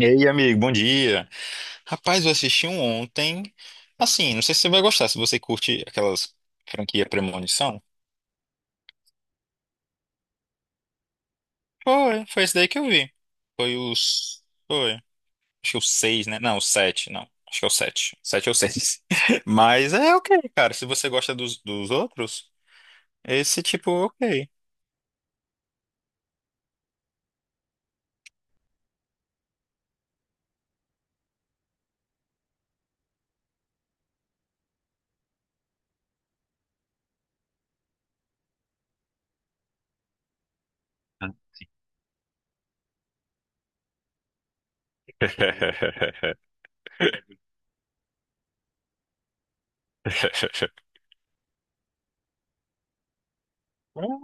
E aí, amigo, bom dia. Rapaz, eu assisti um ontem. Assim, não sei se você vai gostar, se você curte aquelas franquia Premonição. Foi esse daí que eu vi. Foi os. Foi. Acho que o seis, né? Não, o sete, não. Acho que é o sete. Sete ou seis. Mas é ok, cara. Se você gosta dos outros, esse tipo, ok. Hum,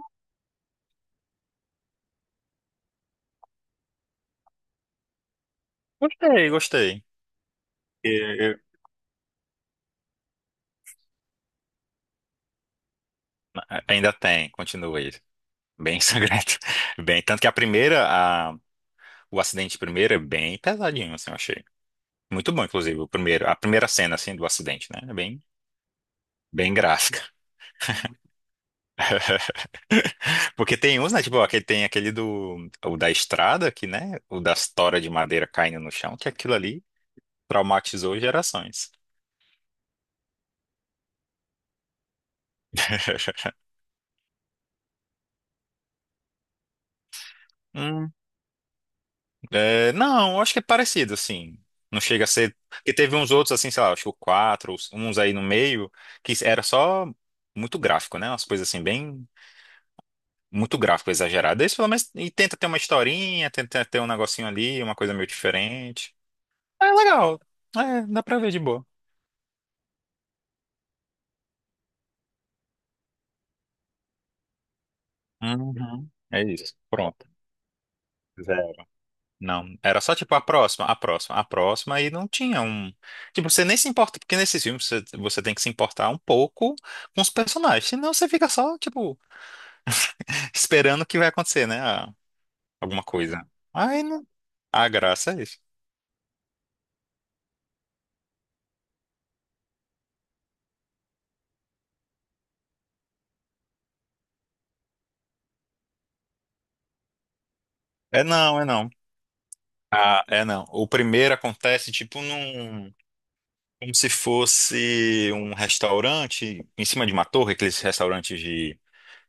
Gostei, gostei. E- Ainda tem, continua aí. Bem sangrento. Bem, tanto que a primeira, o acidente primeiro é bem pesadinho, assim, eu achei. Muito bom, inclusive, o primeiro, a primeira cena, assim, do acidente, né? É bem, bem gráfica. Porque tem uns, né? Tipo, aquele, tem aquele do, o da estrada, que, né? O das toras de madeira caindo no chão, que aquilo ali traumatizou gerações. Hum, é, não, eu acho que é parecido, assim. Não chega a ser. Porque teve uns outros, assim, sei lá, acho que o 4 uns aí no meio, que era só muito gráfico, né? Umas coisas assim, bem muito gráfico exagerado. Esse pelo menos e tenta ter uma historinha, tenta ter um negocinho ali, uma coisa meio diferente. É legal. É, dá pra ver de boa. Uhum. É isso. Pronto. Zero. Não, era só tipo a próxima, a próxima, a próxima, e não tinha um. Tipo, você nem se importa, porque nesses filmes você tem que se importar um pouco com os personagens, senão você fica só, tipo, esperando que vai acontecer, né? Ah, alguma coisa. Aí não. A graça é isso. É não, é não. Ah, é não. O primeiro acontece, tipo, num. Como se fosse um restaurante em cima de uma torre, aqueles restaurantes de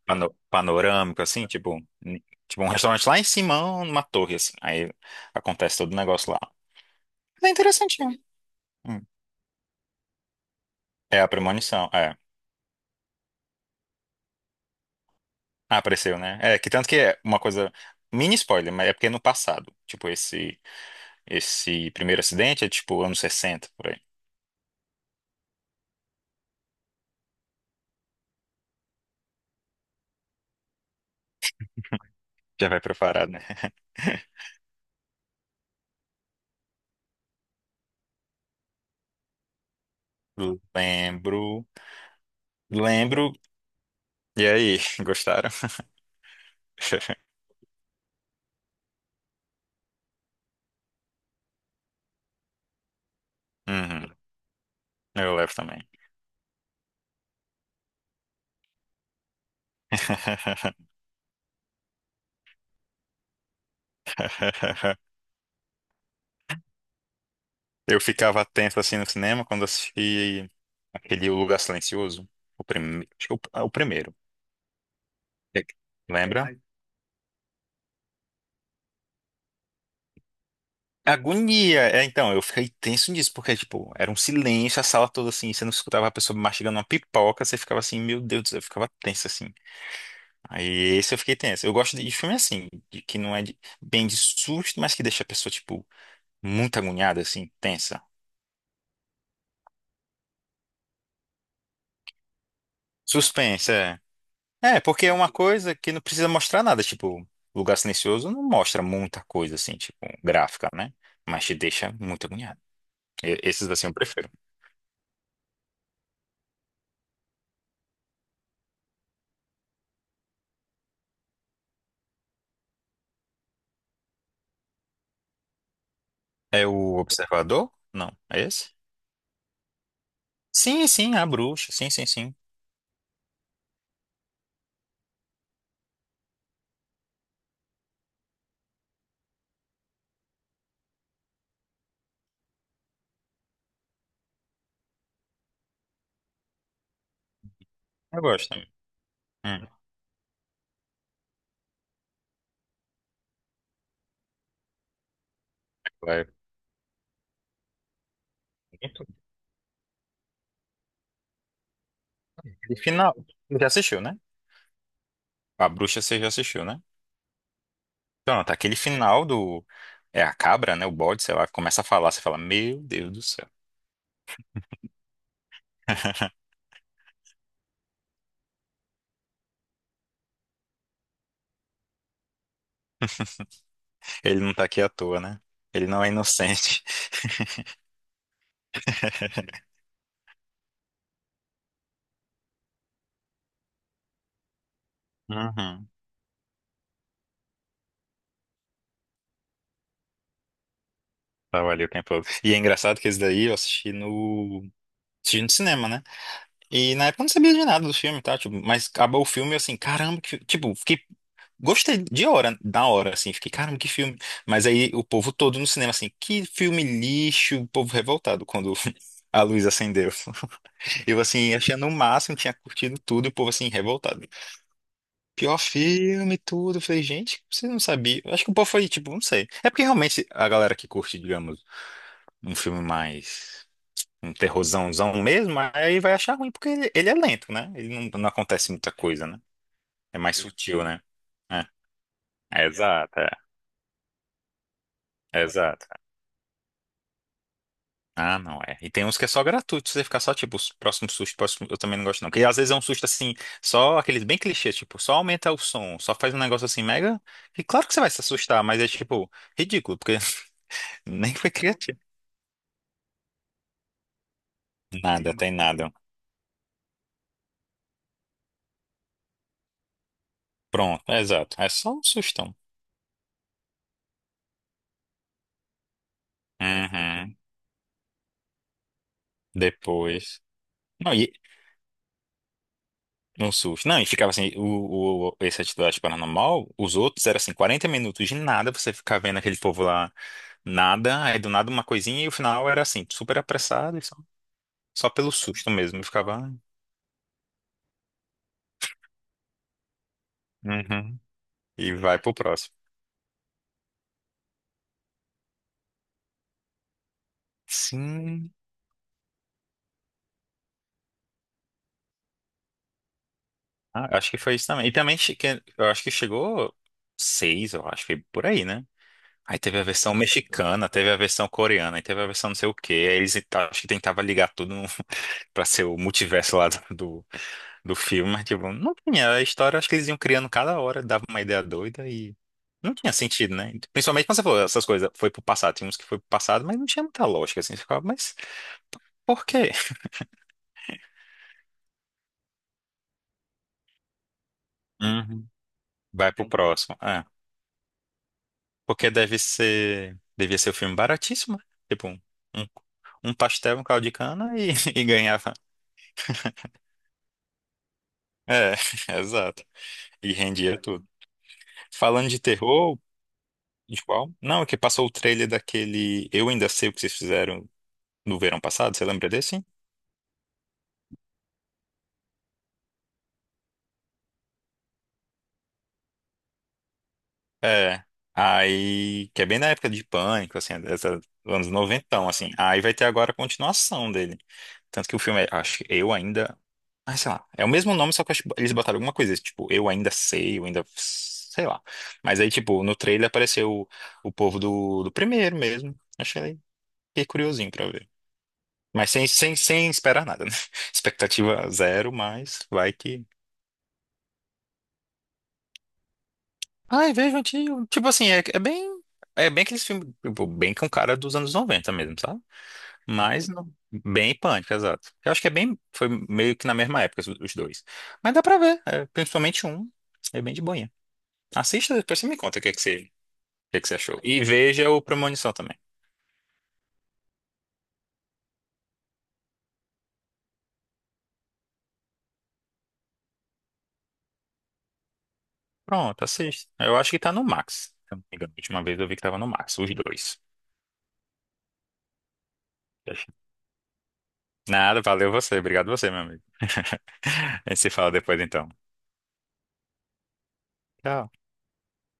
panorâmico, assim, tipo, tipo um restaurante lá em cima, numa torre, assim. Aí acontece todo o negócio lá. É interessantinho. Hum. É a premonição, é. Ah, apareceu, né? É, que tanto que é uma coisa, mini spoiler, mas é porque é no passado. Tipo, esse primeiro acidente é tipo anos 60 por aí. Já vai preparado, né? Lembro, lembro. E aí, gostaram? Uhum, eu levo também. Eu ficava tenso assim no cinema quando assisti aquele O Lugar Silencioso, o primeiro, acho que é o primeiro. É que- Lembra? Agonia! É, então, eu fiquei tenso nisso, porque, tipo, era um silêncio, a sala toda assim, você não escutava a pessoa mastigando uma pipoca, você ficava assim, meu Deus do céu, eu ficava tenso assim. Aí esse eu fiquei tenso. Eu gosto de filme assim, de- que não é de- bem de susto, mas que deixa a pessoa, tipo, muito agoniada, assim, tensa. Suspense, é. É, porque é uma coisa que não precisa mostrar nada, tipo, Lugar Silencioso não mostra muita coisa assim, tipo, gráfica, né? Mas te deixa muito agoniado. Esses assim eu prefiro. É o Observador? Não, é esse? Sim, sim, a Bruxa, sim, sim, sim. Eu gosto também. Hum. É muito- Aquele final, já assistiu, né? A Bruxa você já assistiu, né? Pronto, aquele final do... É a cabra, né? O bode, sei lá, começa a falar, você fala, meu Deus do céu. Ele não tá aqui à toa, né? Ele não é inocente. Uhum. Trabalhei o tempo todo. E é engraçado que esse daí eu assisti assisti no cinema, né? E na época eu não sabia de nada do filme, tá? Tipo, mas acabou o filme eu assim, caramba, que, tipo, fiquei. Gostei da hora, assim, fiquei, caramba, que filme. Mas aí o povo todo no cinema, assim, que filme lixo, o povo revoltado quando a luz acendeu. Eu, assim, achando o máximo, tinha curtido tudo, e o povo, assim, revoltado. Pior filme, tudo. Eu falei, gente, você não sabia. Eu acho que o povo foi, tipo, não sei. É porque realmente a galera que curte, digamos, um filme mais. Um terrorzãozão mesmo, aí vai achar ruim, porque ele é lento, né? Ele não acontece muita coisa, né? É mais sutil, né? É, é exato, é, é exato. Ah, não é. E tem uns que é só gratuito, você ficar só, tipo, os próximos sustos, próximo, eu também não gosto, não. Porque às vezes é um susto assim, só aqueles bem clichês, tipo, só aumenta o som, só faz um negócio assim mega. E claro que você vai se assustar, mas é tipo, ridículo, porque nem foi criativo. Nada, tem nada. Pronto, é exato. É só um sustão. Uhum. Depois. Não, e um susto. Não, e ficava assim, esse atividade paranormal, os outros eram assim, 40 minutos de nada, você ficava vendo aquele povo lá, nada, aí do nada uma coisinha, e o final era assim, super apressado, e só pelo susto mesmo. Eu ficava, "Ah, uhum, e vai pro próximo. Sim, ah, acho que foi isso também. E também, eu acho que chegou seis, eu acho que por aí, né? Aí teve a versão mexicana, teve a versão coreana, aí teve a versão não sei o quê, aí eles acho que tentavam ligar tudo pra ser o multiverso lá do filme, mas tipo, não tinha. A história, acho que eles iam criando cada hora, dava uma ideia doida e não tinha sentido, né? Principalmente quando você falou essas coisas, foi pro passado, tinha uns que foi pro passado, mas não tinha muita lógica, assim, você ficava, mas por quê? Uhum. Vai pro próximo. Ah, porque deve ser, devia ser um filme baratíssimo, né? Tipo, um pastel, um caldo de cana e, e ganhava. É, exato. E rendia tudo. Falando de terror, de qual? Não, é que passou o trailer daquele Eu Ainda Sei O Que Vocês Fizeram no verão passado, você lembra desse? É. Aí, que é bem na época de Pânico, assim, dessa, anos 90, assim. Aí vai ter agora a continuação dele. Tanto que o filme é, acho que Eu Ainda. Ah, sei lá. É o mesmo nome, só que acho que eles botaram alguma coisa, tipo, Eu Ainda Sei, Eu Ainda. Sei lá. Mas aí, tipo, no trailer apareceu o povo do primeiro mesmo. Achei Fiquei curiosinho pra ver. Mas sem esperar nada, né? Expectativa zero, mas vai que. Ai, vejo antigo. Tipo assim, É bem aqueles filmes, tipo, bem com cara dos anos 90 mesmo, sabe? Bem pânico, exato. Eu acho que é bem. Foi meio que na mesma época os dois. Mas dá pra ver. É, principalmente um. É bem de boinha. Assista, depois você me conta o que é que você, o que é que você achou. E veja o Premonição também. Pronto, assista. Eu acho que tá no Max. Se eu não me engano. A última vez eu vi que tava no Max, os dois. Nada, valeu você. Obrigado você, meu amigo. A gente se fala depois então. Tchau.